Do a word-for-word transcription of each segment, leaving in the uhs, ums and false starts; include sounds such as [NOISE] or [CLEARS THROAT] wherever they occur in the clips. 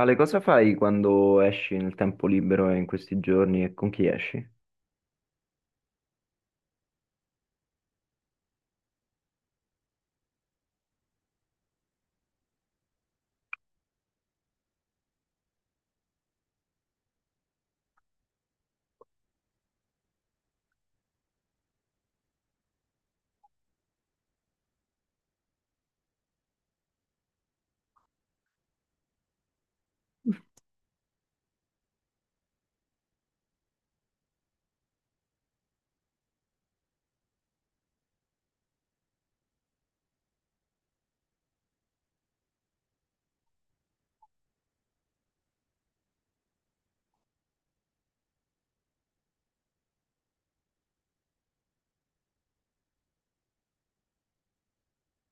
Ale, cosa fai quando esci nel tempo libero e in questi giorni e con chi esci?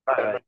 Vai, vai.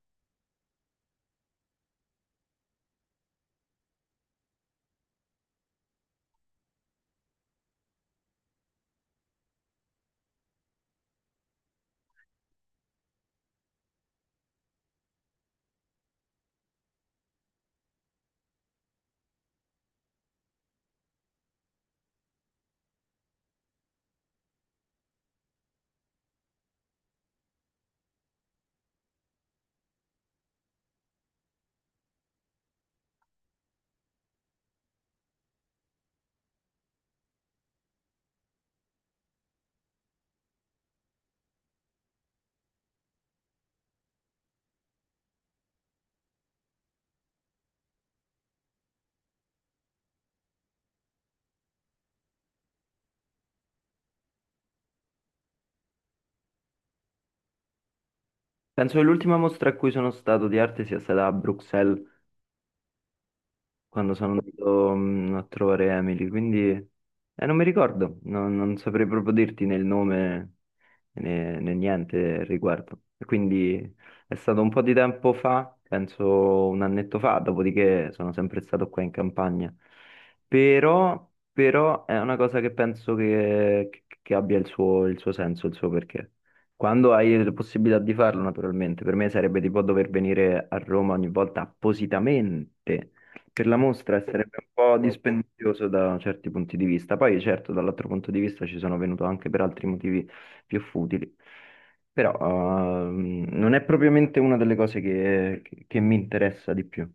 Penso che l'ultima mostra a cui sono stato di arte sia stata a Bruxelles, quando sono andato mm, a trovare Emily, quindi eh, non mi ricordo, non, non saprei proprio dirti nel nome, né, né niente al riguardo. E quindi è stato un po' di tempo fa, penso un annetto fa, dopodiché sono sempre stato qua in campagna. Però, però è una cosa che penso che, che- che abbia il suo, il suo senso, il suo perché. Quando hai la possibilità di farlo, naturalmente, per me sarebbe tipo dover venire a Roma ogni volta appositamente per la mostra, e sarebbe un po' dispendioso da certi punti di vista. Poi, certo, dall'altro punto di vista ci sono venuto anche per altri motivi più futili. Però ehm, non è propriamente una delle cose che, che- che mi interessa di più.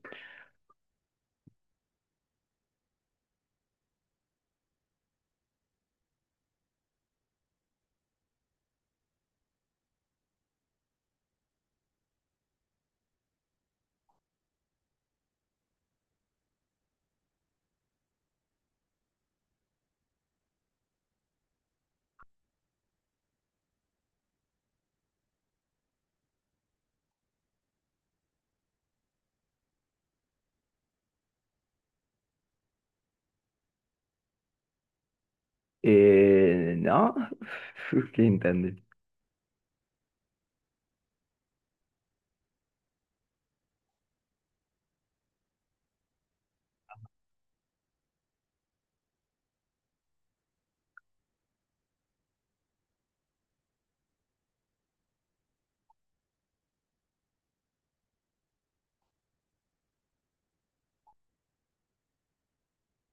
E no? [LAUGHS] Che intendi?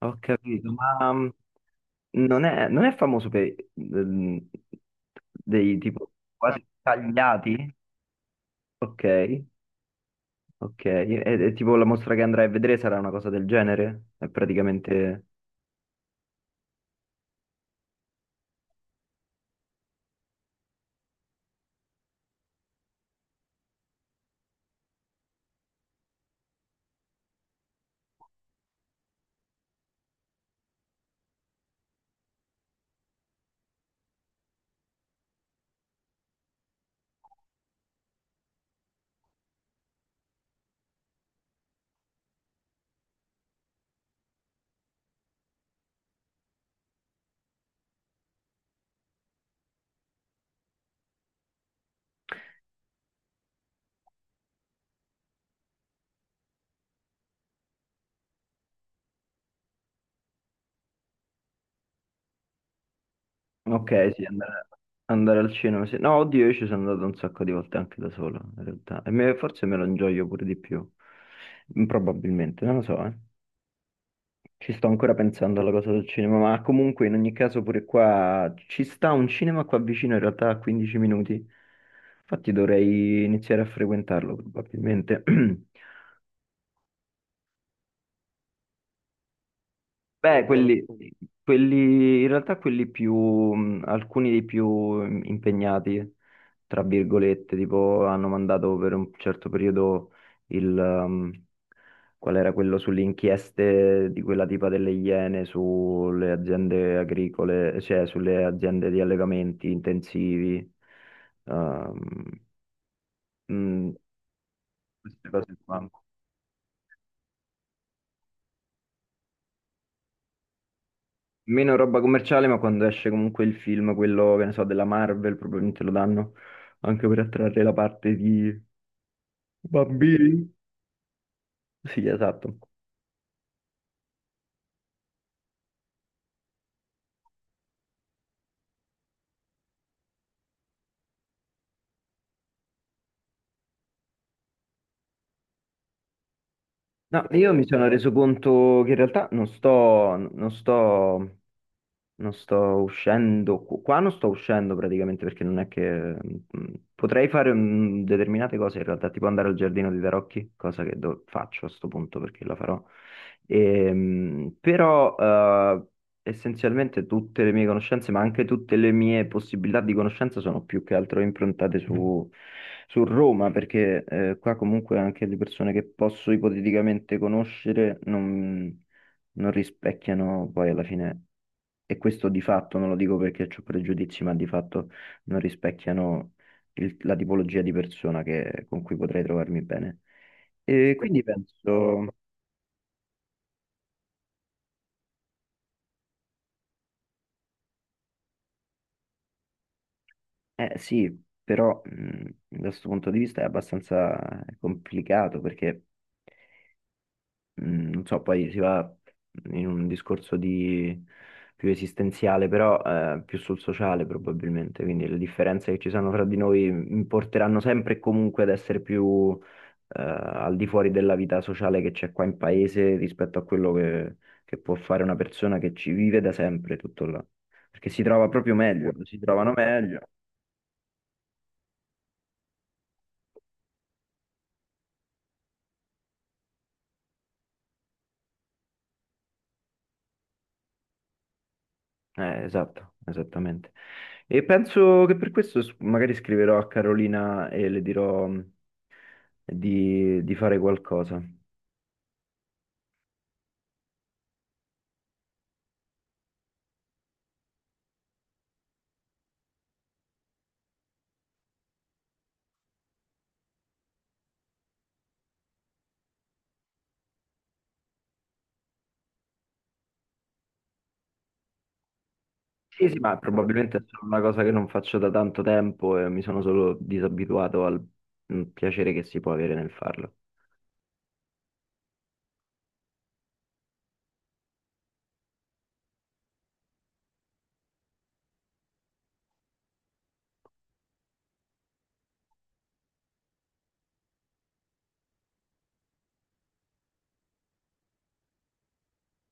Ho capito, ma mm, non è, non è famoso per mm, dei tipo quasi tagliati? Ok, ok. E, e tipo la mostra che andrai a vedere sarà una cosa del genere? È praticamente. Ok, sì, andare, andare al cinema. Sì. No, oddio, io ci sono andato un sacco di volte anche da solo, in realtà. E me- forse me lo ingioio pure di più. Mm, probabilmente, non lo so, eh. Ci sto ancora pensando alla cosa del cinema, ma comunque in ogni caso pure qua ci sta un cinema qua vicino, in realtà a quindici minuti. Infatti dovrei iniziare a frequentarlo, probabilmente. [CLEARS THROAT] Beh, eh, quelli, quelli- in realtà quelli più, mh, alcuni dei più mh, impegnati, tra virgolette, tipo hanno mandato per un certo periodo il, um, qual era quello sulle inchieste di quella tipa delle Iene sulle aziende agricole, cioè sulle aziende di allegamenti intensivi, um, mh, queste cose qua. Meno roba commerciale, ma quando esce comunque il film, quello che ne so, della Marvel, probabilmente lo danno anche per attrarre la parte di bambini. Sì, esatto. No, io mi sono reso conto che in realtà non sto, non sto Non sto uscendo, qu- qua non sto uscendo praticamente perché non è che... mm, potrei fare mm, determinate cose in realtà, tipo andare al giardino di Tarocchi, cosa che do- faccio a sto punto perché la farò. Ehm, però eh, essenzialmente tutte le mie conoscenze, ma anche tutte le mie possibilità di conoscenza sono più che altro improntate su, su Roma, perché eh, qua comunque anche le persone che posso ipoteticamente conoscere non non rispecchiano poi alla fine, e questo di fatto, non lo dico perché ho pregiudizi, ma di fatto non rispecchiano il- la tipologia di persona che- con cui potrei trovarmi bene. E questo quindi penso, eh sì, però mh, da questo punto di vista è abbastanza complicato perché mm, non so, poi si va in un discorso di più esistenziale, però eh, più sul sociale probabilmente, quindi le differenze che ci sono fra di noi mi porteranno sempre e comunque ad essere più eh, al di fuori della vita sociale che c'è qua in paese rispetto a quello che, che può fare una persona che ci vive da sempre tutto là, perché si trova proprio meglio, si trovano meglio. Eh, esatto, esattamente. E penso che per questo s- magari scriverò a Carolina e le dirò di, di fare qualcosa. Sì, sì, ma probabilmente è solo una cosa che non faccio da tanto tempo e mi sono solo disabituato al mm, piacere che si può avere nel farlo.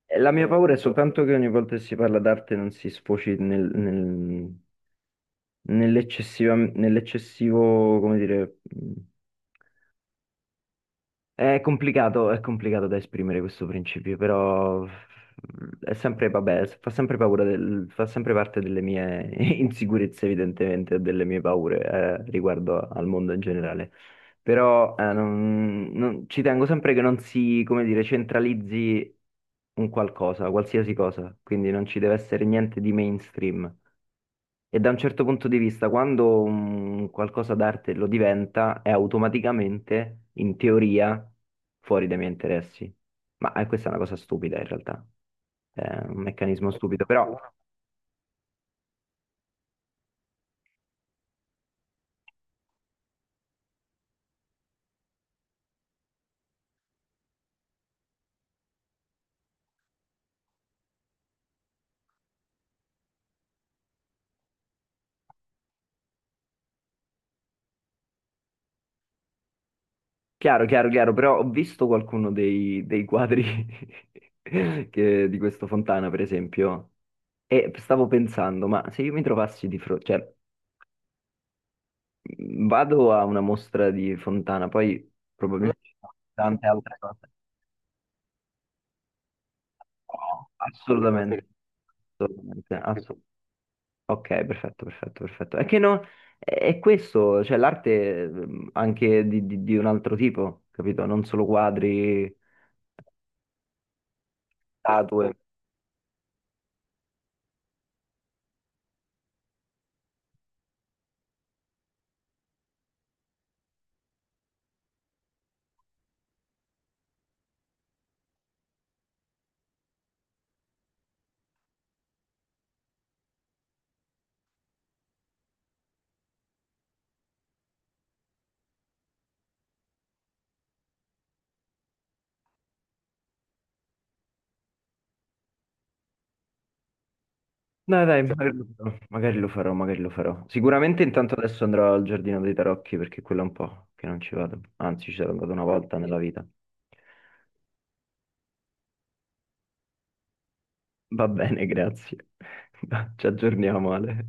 E la mia paura è soltanto che ogni volta che si parla d'arte non si sfoci nel- nel- nell'eccessiva- nell'eccessivo, come dire, mm, è complicato, è complicato da esprimere questo principio, però è sempre, vabbè, fa sempre paura del- fa sempre parte delle mie [LAUGHS] insicurezze, evidentemente, e delle mie paure, eh, riguardo al mondo in generale. Però, eh, non- non- ci tengo sempre che non si, come dire, centralizzi un qualcosa, qualsiasi cosa, quindi non ci deve essere niente di mainstream. E da un certo punto di vista, quando un qualcosa d'arte lo diventa, è automaticamente, in teoria, fuori dai miei interessi. Ma eh, questa è una cosa stupida in realtà, è un meccanismo stupido. Però, chiaro, chiaro, chiaro, però ho visto qualcuno dei, dei quadri [LAUGHS] che- di questo Fontana, per esempio, e stavo pensando, ma se io mi trovassi di fronte, cioè, mh, vado a una mostra di Fontana, poi mm, probabilmente ci sono tante altre cose. No, assolutamente. Assolutamente, assu- ok, perfetto, perfetto, perfetto. È che no, è è questo, cioè l'arte ehm, anche di, di- di un altro tipo, capito? Non solo quadri, statue. Dai, dai, magari lo farò, magari lo farò, magari lo farò. Sicuramente intanto adesso andrò al Giardino dei Tarocchi perché quello è un po' che non ci vado. Anzi, ci sono andato una volta nella vita. Va bene, grazie. [LAUGHS] Ci aggiorniamo, Ale.